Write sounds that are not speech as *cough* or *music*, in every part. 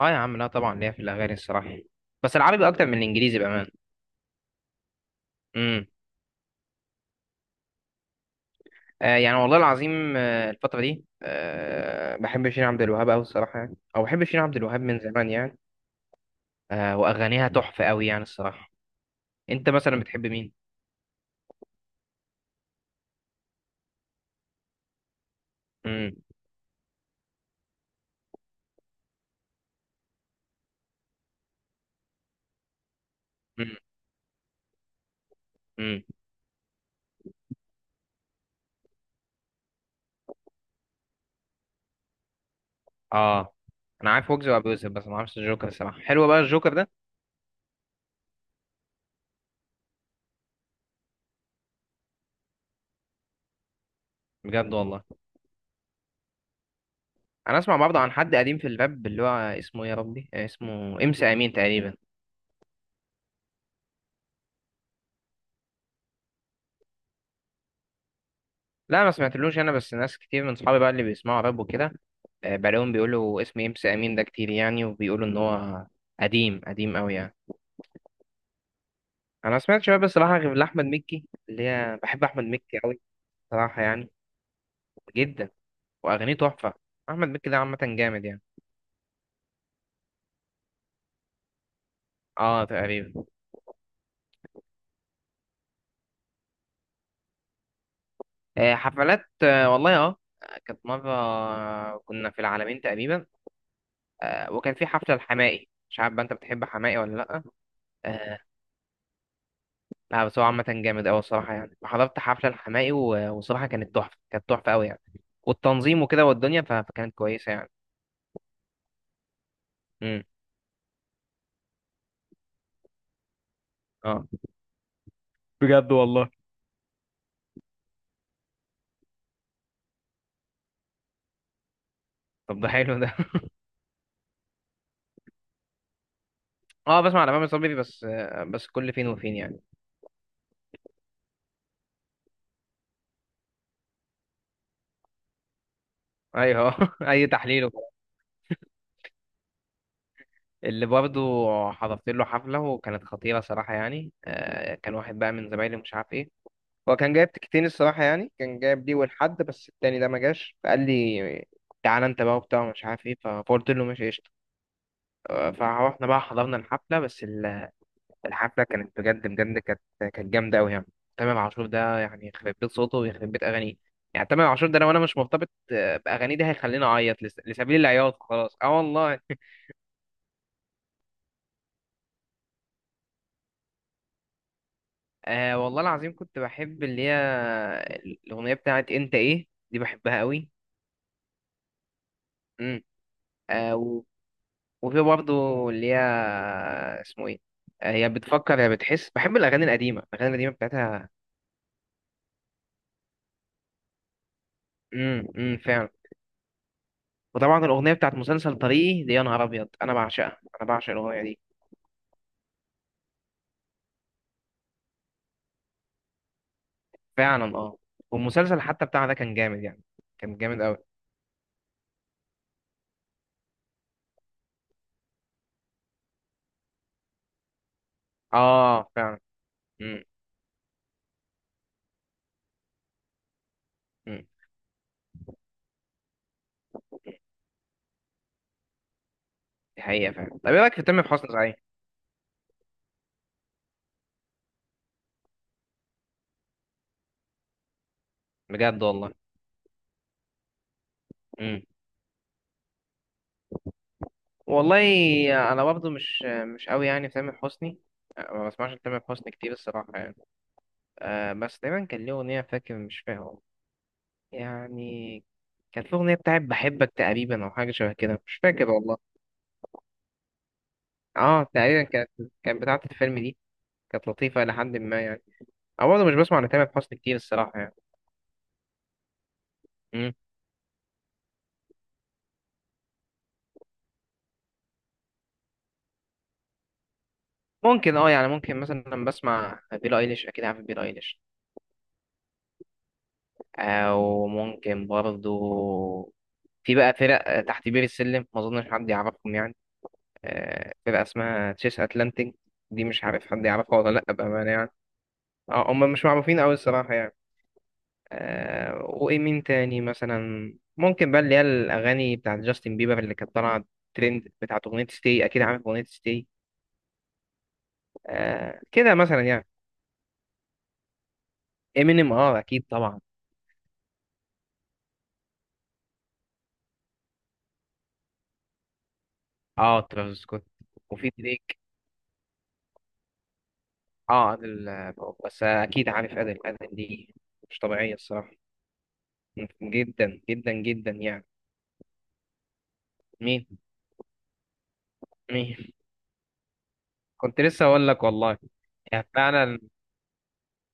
اه، يا عم، لا طبعا ليا في الاغاني الصراحه. بس العربي اكتر من الانجليزي بامان. امم. يعني والله العظيم، الفتره دي بحب شيرين عبد الوهاب قوي الصراحه، يعني او بحب شيرين عبد الوهاب من زمان يعني. واغانيها تحفه قوي يعني الصراحه. انت مثلا بتحب مين؟ امم. امم. امم. اه، انا عارف ويجز وابو يوسف، بس ما اعرفش الجوكر الصراحه. حلو بقى الجوكر ده؟ بجد والله؟ انا اسمع برضه عن حد قديم في الراب، اللي هو اسمه إيه يا ربي، اسمه امس امين تقريبا. لا ما سمعتلوش انا، بس ناس كتير من صحابي بقى اللي بيسمعوا راب وكده، بلاقيهم بيقولوا اسم إمس أمين ده كتير، يعني وبيقولوا إن هو قديم قديم أوي يعني. أنا ما سمعتش بقى بصراحة غير لأحمد مكي، اللي هي بحب أحمد مكي أوي بصراحة يعني، جدا. وأغانيه تحفة. أحمد مكي ده عامة جامد يعني. أه تقريبا. حفلات، والله أه. كانت مرة كنا في العالمين تقريبا. وكان في حفلة الحماقي، مش عارف بقى أنت بتحب حماقي ولا لأ. آه، لا، بس هو عامة جامد أوي الصراحة يعني، حضرت حفلة الحماقي وصراحة كانت تحفة، كانت تحفة أوي يعني. والتنظيم وكده والدنيا، فكانت كويسة يعني. امم. اه. بجد والله؟ طب ده حلو ده. *laughs* اه، بسمع على مامي صبري بس، بس كل فين وفين يعني. ايوه، *laughs* اي تحليل وكده. اللي برضه حضرت له حفله وكانت خطيره صراحه يعني. كان واحد بقى من زمايلي مش عارف ايه، هو كان جايب تكتين الصراحه يعني، كان جايب لي والحد بس التاني ده ما جاش، فقال لي تعالى انت بقى وبتاع مش عارف ايه، فقلت له ماشي قشطة. فاحنا بقى حضرنا الحفلة، بس الحفلة كانت بجد بجد، كانت جامدة أوي يعني. تامر عاشور ده يعني يخرب بيت صوته ويخرب بيت أغانيه، يعني تامر عاشور ده لو أنا مش مرتبط، بأغانيه دي هيخليني أعيط لسبيل العياط خلاص، أه والله. والله العظيم كنت بحب اللي هي الأغنية بتاعت أنت إيه، دي بحبها أوي. امم. آه و- وفي برضه اللي هي اسمه إيه، يا بتفكر يا بتحس، بحب الأغاني القديمة، الأغاني القديمة بتاعتها. امم. فعلا. وطبعا الاغنيه بتاعت مسلسل طريقي دي، يا نهار ابيض انا بعشقها، انا بعشق الاغنيه دي. فعلا اه. والمسلسل حتى بتاعها ده كان جامد يعني، كان جامد قوي. اه فعلا. امم. امم، دي حقيقه فعلا. طب ايه رايك في تامر حسني صحيح؟ بجد والله؟ امم. والله انا برضه مش قوي يعني في تامر حسني، ما بسمعش تامر حسني كتير الصراحه يعني. بس دايما كان ليه اغنيه فاكر، مش فاهم يعني. كانت في اغنيه بتاعت بحبك تقريبا او حاجه شبه كده، مش فاكر والله. اه تقريبا، كانت بتاعت الفيلم دي. كانت لطيفة إلى حد ما يعني. أو برضه مش بسمع لتامر حسني كتير الصراحة يعني. مم. ممكن أه يعني، ممكن مثلا لما بسمع بيلي أيليش، أكيد عارف بيلي أيليش. أو ممكن برضه في بقى فرق تحت بير السلم، ما أظنش حد يعرفهم يعني. فرقة اسمها تشيس أتلانتيك، دي مش عارف حد يعرفها ولا لأ بأمانة يعني. أه هم مش معروفين أوي الصراحة يعني. أه، وإيه مين تاني مثلا؟ ممكن بقى اللي هي الأغاني بتاعت جاستن بيبر اللي كانت طالعة ترند، بتاعت أغنية ستي، أكيد عارف أغنية ستي. آه كده مثلا يعني. امينيم اه، اكيد طبعا. اه ترافيس سكوت. وفي دريك. اه ادل، بس اكيد عارف ادل، ادل دي مش طبيعيه الصراحه، جدا جدا جدا يعني. مين؟ مين؟ كنت لسه اقول لك والله. يعني فعلا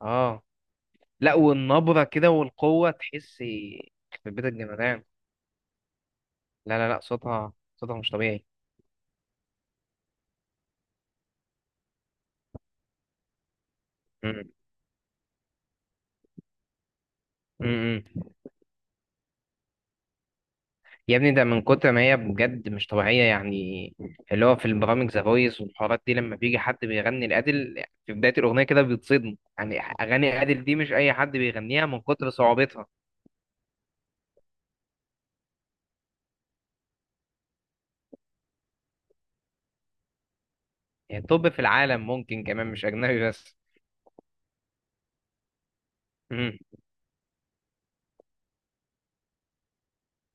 اه. لا، والنبره كده والقوه تحس في بيت الجمدان. لا لا لا، صوتها مش طبيعي. امم. يا ابني ده من كتر ما هي بجد مش طبيعية يعني، اللي هو في البرامج ذا فويس والحوارات دي، لما بيجي حد بيغني لأديل في بداية الأغنية كده بيتصدم، يعني أغاني أديل دي مش أي حد بيغنيها من كتر صعوبتها. يعني توب في العالم ممكن، كمان مش أجنبي بس. مم.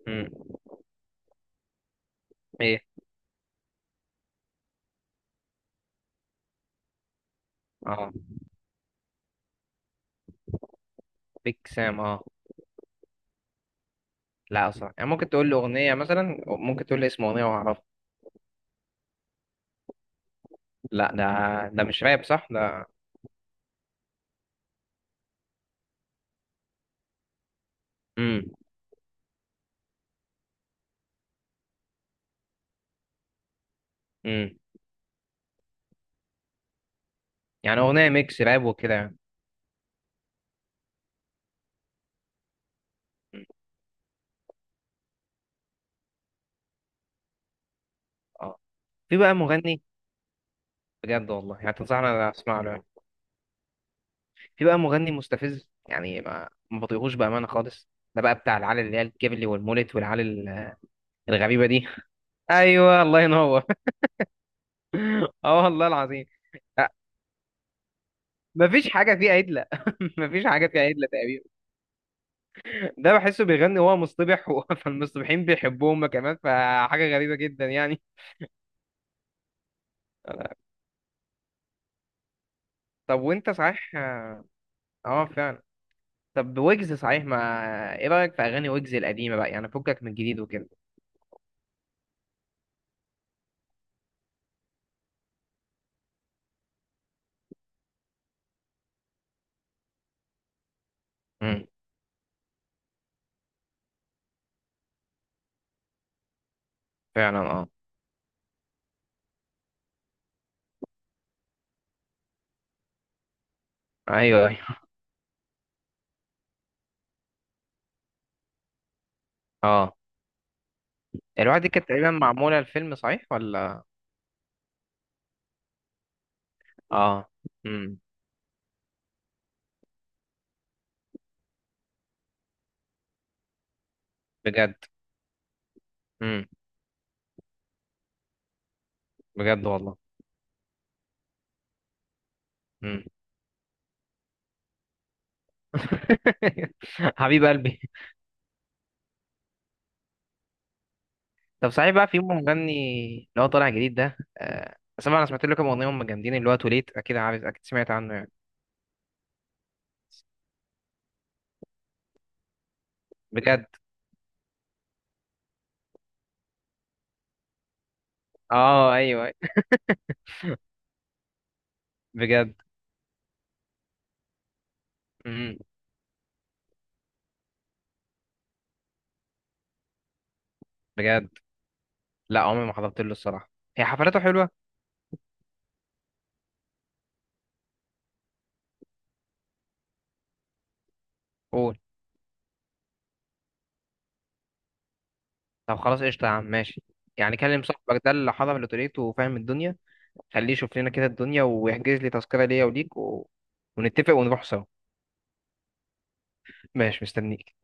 مم. إيه؟ أه. بيج سام أه. لا أصلا، يعني ممكن تقول لي أغنية مثلا، ممكن تقول لي اسم أغنية وأعرفها. لا، ده مش راب صح ده؟ مم. مم. يعني أغنية ميكس راب وكده يعني. مم. أه. في بقى مغني، بجد والله يعني تنصحني انا اسمع له يعني. في بقى مغني مستفز يعني، ما بطيقوش بامانه خالص. ده بقى بتاع العلى، اللي هي الكيبلي والمولت والعلى الغريبه دي. *laughs* ايوه الله ينور. *laughs* اه والله العظيم. أه، مفيش حاجه فيها عدله، *laughs* مفيش حاجه فيها عدله تقريبا. *laughs* ده بحسه بيغني وهو مصطبح *laughs* فالمصطبحين بيحبوه هما كمان، فحاجه غريبه جدا يعني. طب وانت صحيح اه، فعلا. طب ويجز صحيح، ما ايه رايك في اغاني ويجز القديمه بقى، يعني فكك من الجديد وكده. امم فعلا. اه. ايوه ايوه. اه. الواحد دي كانت تقريبا معمولة الفيلم صحيح ولا؟ اه. امم. بجد. امم. بجد والله. امم. *laughs* حبيب قلبي. طب صحيح بقى، في مغني اللي هو طالع جديد ده، سمع انا سمعت له كام اغنيه، هم جامدين، اللي هو توليت، اكيد عارف، اكيد سمعت عنه يعني. بجد؟ اه ايوه أيوه. بجد. امم. بجد. لا عمري ما حضرت له الصراحه. هي حفلاته حلوه؟ قول. طب خلاص قشطه يا عم ماشي. يعني كلم صاحبك ده اللي حضر لتوليت وفاهم الدنيا، خليه يشوف لنا كده الدنيا ويحجز لي تذكرة ليا وليك ونتفق ونروح سوا. ماشي، مستنيك.